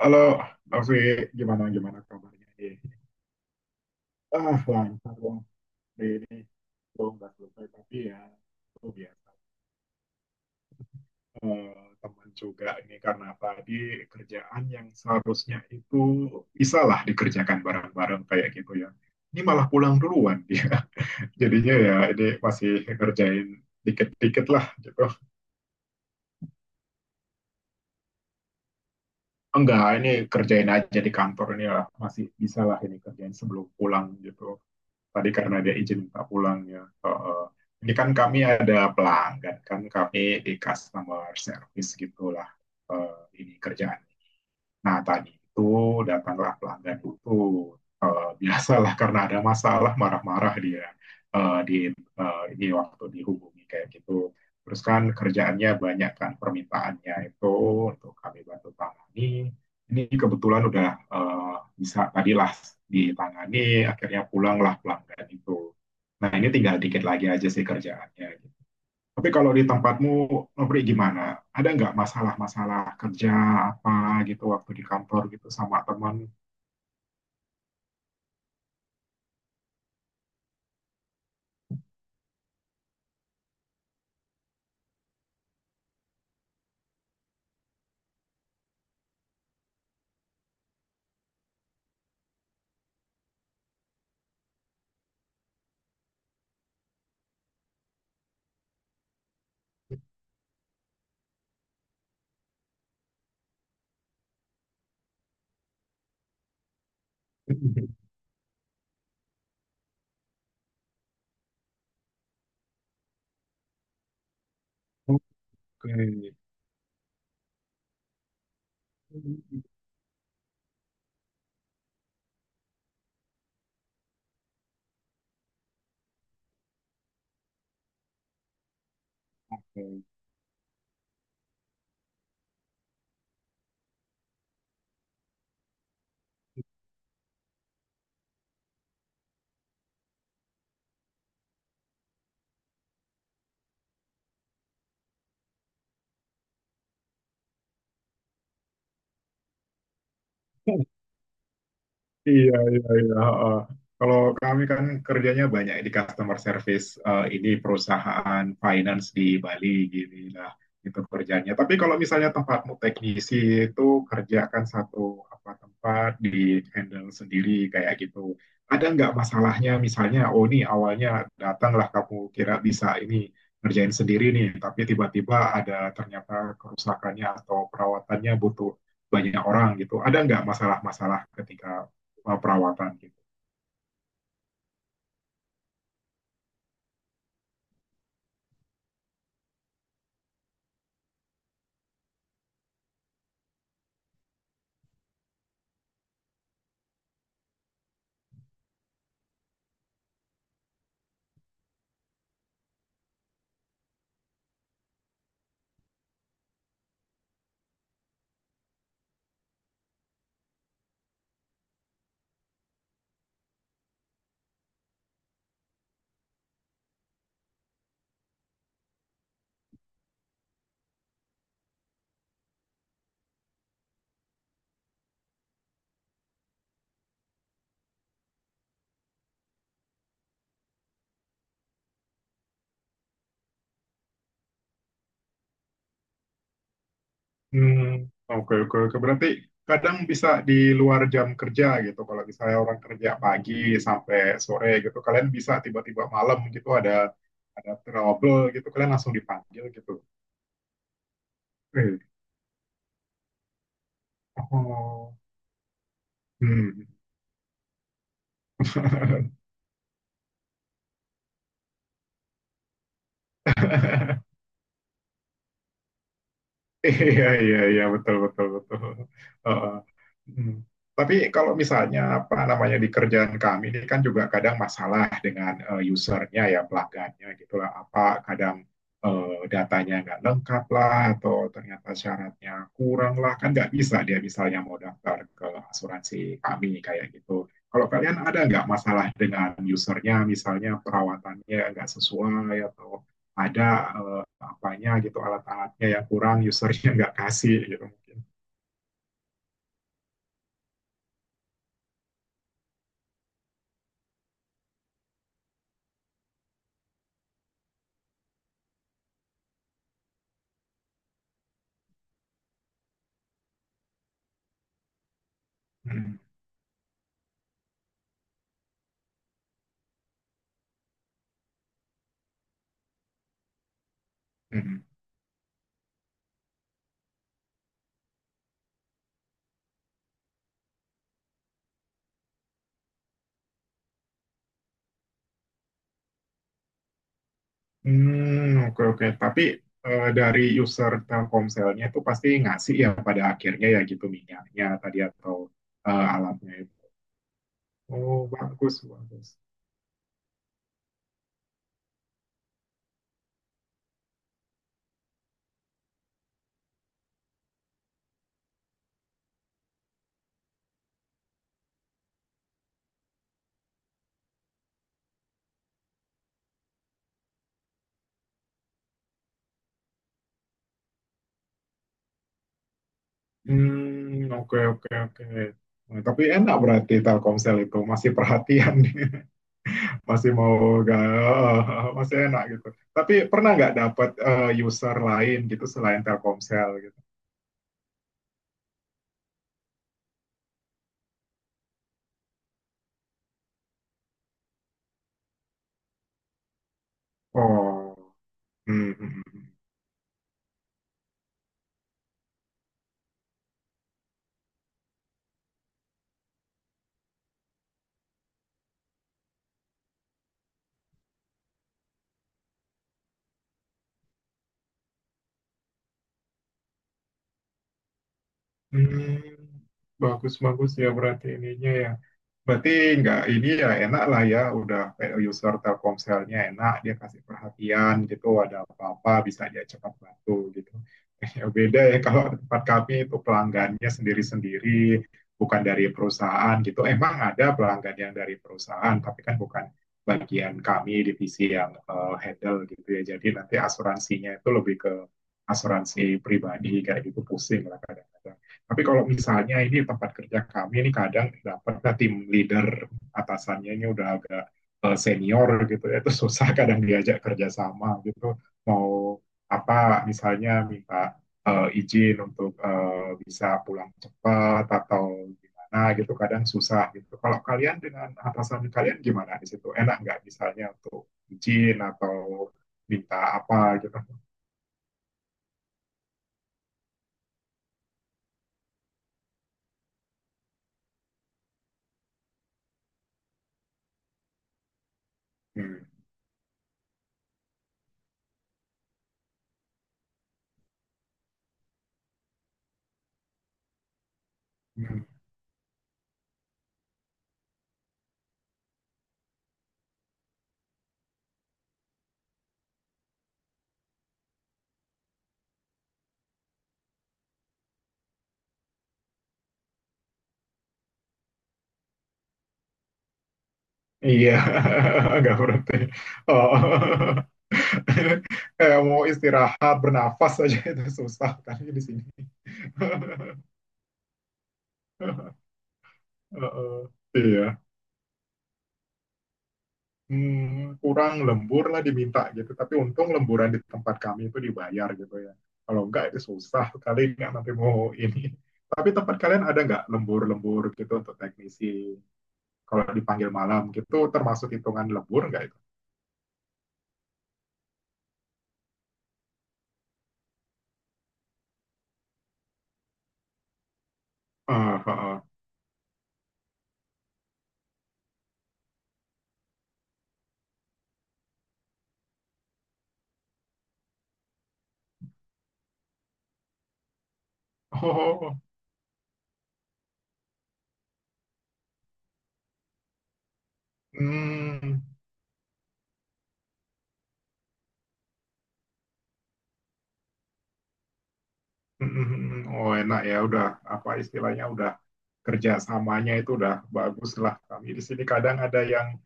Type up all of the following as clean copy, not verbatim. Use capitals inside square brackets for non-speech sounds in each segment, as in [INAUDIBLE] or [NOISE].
Halo, Novi, gimana gimana kabarnya? Iya. Ah, lancar dong. Ini belum nggak selesai tapi ya itu biasa. Eh, Teman juga ini karena tadi kerjaan yang seharusnya itu bisa lah dikerjakan bareng-bareng kayak gitu ya. Ini malah pulang duluan dia. [LAUGHS] Jadinya ya ini masih ngerjain dikit-dikit lah gitu. Enggak, ini kerjain aja di kantor ini lah. Masih bisa lah ini kerjain sebelum pulang gitu. Tadi karena dia izin minta pulang ya. Heeh. Ini kan kami ada pelanggan kan kami di customer service gitulah, eh, ini kerjaan. Nah, tadi itu datanglah pelanggan itu, [LAUGHS] biasalah, karena ada masalah marah-marah dia, eh, di ini waktu dihubungi kayak gitu. Terus kan kerjaannya banyak, kan permintaannya itu untuk kami bantu tangani. Ini kebetulan udah, eh, bisa tadilah ditangani, akhirnya pulanglah pelanggan itu. Nah, ini tinggal dikit lagi aja sih kerjaannya, gitu. Tapi kalau di tempatmu, Nobri, gimana? Ada nggak masalah-masalah kerja apa gitu waktu di kantor gitu sama teman? [LAUGHS] Oke. Oke. Iya, iya, iya. Heeh. Kalau kami kan kerjanya banyak di customer service, ini perusahaan finance di Bali gini lah itu kerjanya. Tapi kalau misalnya tempatmu teknisi itu kerjakan satu apa tempat di handle sendiri kayak gitu. Ada nggak masalahnya misalnya, oh ini awalnya datanglah kamu kira bisa ini ngerjain sendiri nih, tapi tiba-tiba ada ternyata kerusakannya atau perawatannya butuh banyak orang gitu. Ada nggak masalah-masalah ketika perawatan gitu. Hmm, oke, oke, oke. Berarti kadang bisa di luar jam kerja gitu. Kalau misalnya orang kerja pagi sampai sore gitu, kalian bisa tiba-tiba malam gitu ada trouble gitu, kalian langsung dipanggil gitu. Eh, oh, hmm. [LAUGHS] Iya, iya, iya, betul, betul, betul. Heeh. Hmm. Tapi kalau misalnya apa namanya di kerjaan kami ini kan juga kadang masalah dengan, usernya ya pelanggannya gitulah, apa kadang datanya nggak lengkap lah, atau ternyata syaratnya kurang lah, kan nggak bisa dia misalnya mau daftar ke asuransi kami kayak gitu. Kalau kalian ada nggak masalah dengan usernya, misalnya perawatannya nggak sesuai atau ada eh, apanya gitu, alat-alatnya yang kurang usernya nggak kasih gitu mungkin. Hmm, hmm. Hmm, oke oke tapi dari user Telkomselnya itu pasti ngasih ya pada akhirnya ya gitu, minyaknya tadi atau alatnya itu. Oh, bagus bagus. Hmm, oke oke oke. Nah, tapi enak berarti Telkomsel itu masih perhatian. [LAUGHS] Masih mau gak? [LAUGHS] Masih enak gitu. Tapi pernah nggak dapat user lain gitu selain Telkomsel gitu? Oh. Hmm. Hmm, hmm. Hmm, bagus-bagus ya berarti ininya ya. Berarti nggak ini ya, enak lah ya, udah kayak user Telkomselnya enak, dia kasih perhatian gitu, ada apa-apa bisa dia cepat bantu gitu. [LAUGHS] Ya beda ya kalau tempat kami itu pelanggannya sendiri-sendiri, bukan dari perusahaan gitu. Emang ada pelanggan yang dari perusahaan, tapi kan bukan bagian kami, divisi yang handle gitu ya. Jadi nanti asuransinya itu lebih ke asuransi pribadi kayak gitu, pusing lah kadang-kadang. Tapi kalau misalnya ini tempat kerja kami ini kadang dapat nah, tim leader atasannya ini udah agak senior gitu ya, itu susah kadang diajak kerjasama gitu. Mau apa misalnya minta izin untuk bisa pulang cepat atau gimana gitu, kadang susah gitu. Kalau kalian dengan atasan kalian gimana di situ? Enak nggak misalnya untuk izin atau minta apa gitu? Hmm. Iya, [LAUGHS] nggak berhenti. Oh. [LAUGHS] Kayak mau istirahat, bernafas aja itu susah kan di sini. [LAUGHS] Heeh. Iya. Hmm, kurang lembur lah diminta gitu. Tapi untung lemburan di tempat kami itu dibayar gitu ya. Kalau enggak itu susah kali, nggak nanti mau ini. Tapi tempat kalian ada nggak lembur-lembur gitu untuk teknisi? Kalau dipanggil malam gitu termasuk hitungan lembur nggak itu? Ah, ah, ah. Oh, hmm. [LAUGHS] Oh, enak ya, udah apa istilahnya udah kerjasamanya itu udah bagus lah. Kami di sini kadang ada yang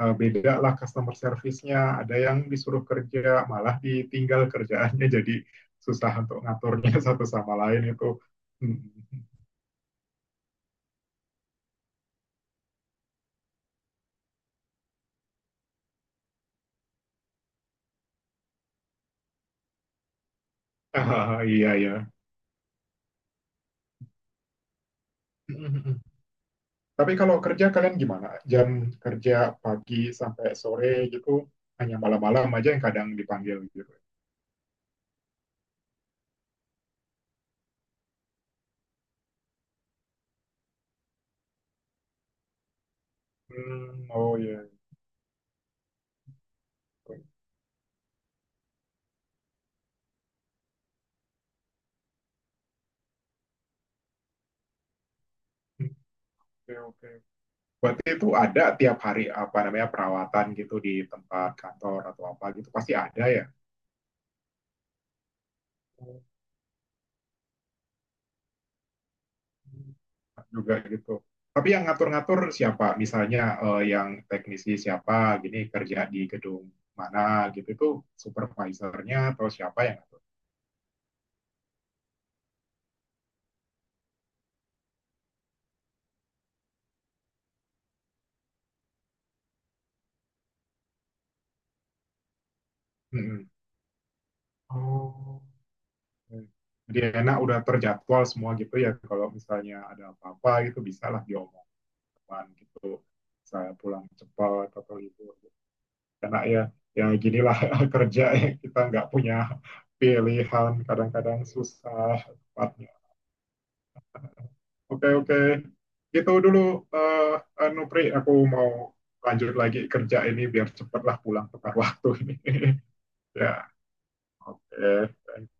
beda lah customer service-nya, ada yang disuruh kerja malah ditinggal kerjaannya, [LAUGHS] jadi susah untuk ngaturnya [LAUGHS] satu sama lain itu. [LAUGHS] Ah, iya ya. [LAUGHS] Tapi kalau kerja kalian gimana, jam kerja pagi sampai sore gitu, hanya malam-malam aja yang kadang dipanggil gitu? Hmm, oh iya iya. Oke oke. Berarti itu ada tiap hari apa namanya, perawatan gitu di tempat kantor atau apa gitu pasti ada ya juga gitu. Tapi yang ngatur-ngatur siapa? Misalnya yang teknisi siapa, gini kerja di gedung mana gitu, itu supervisornya atau siapa yang ngatur? Mm-mm. Oh. Jadi enak udah terjadwal semua gitu ya. Kalau misalnya ada apa-apa gitu bisalah diomongkan gitu. Saya pulang cepat atau libur, karena ya ya ginilah [LAUGHS] kerja ya, kita nggak punya pilihan, kadang-kadang susah tepatnya. Oke oke, gitu dulu, eh Nupri, aku mau lanjut lagi kerja ini biar cepatlah pulang tepat waktu ini. [LAUGHS] Ya, oke, thank you.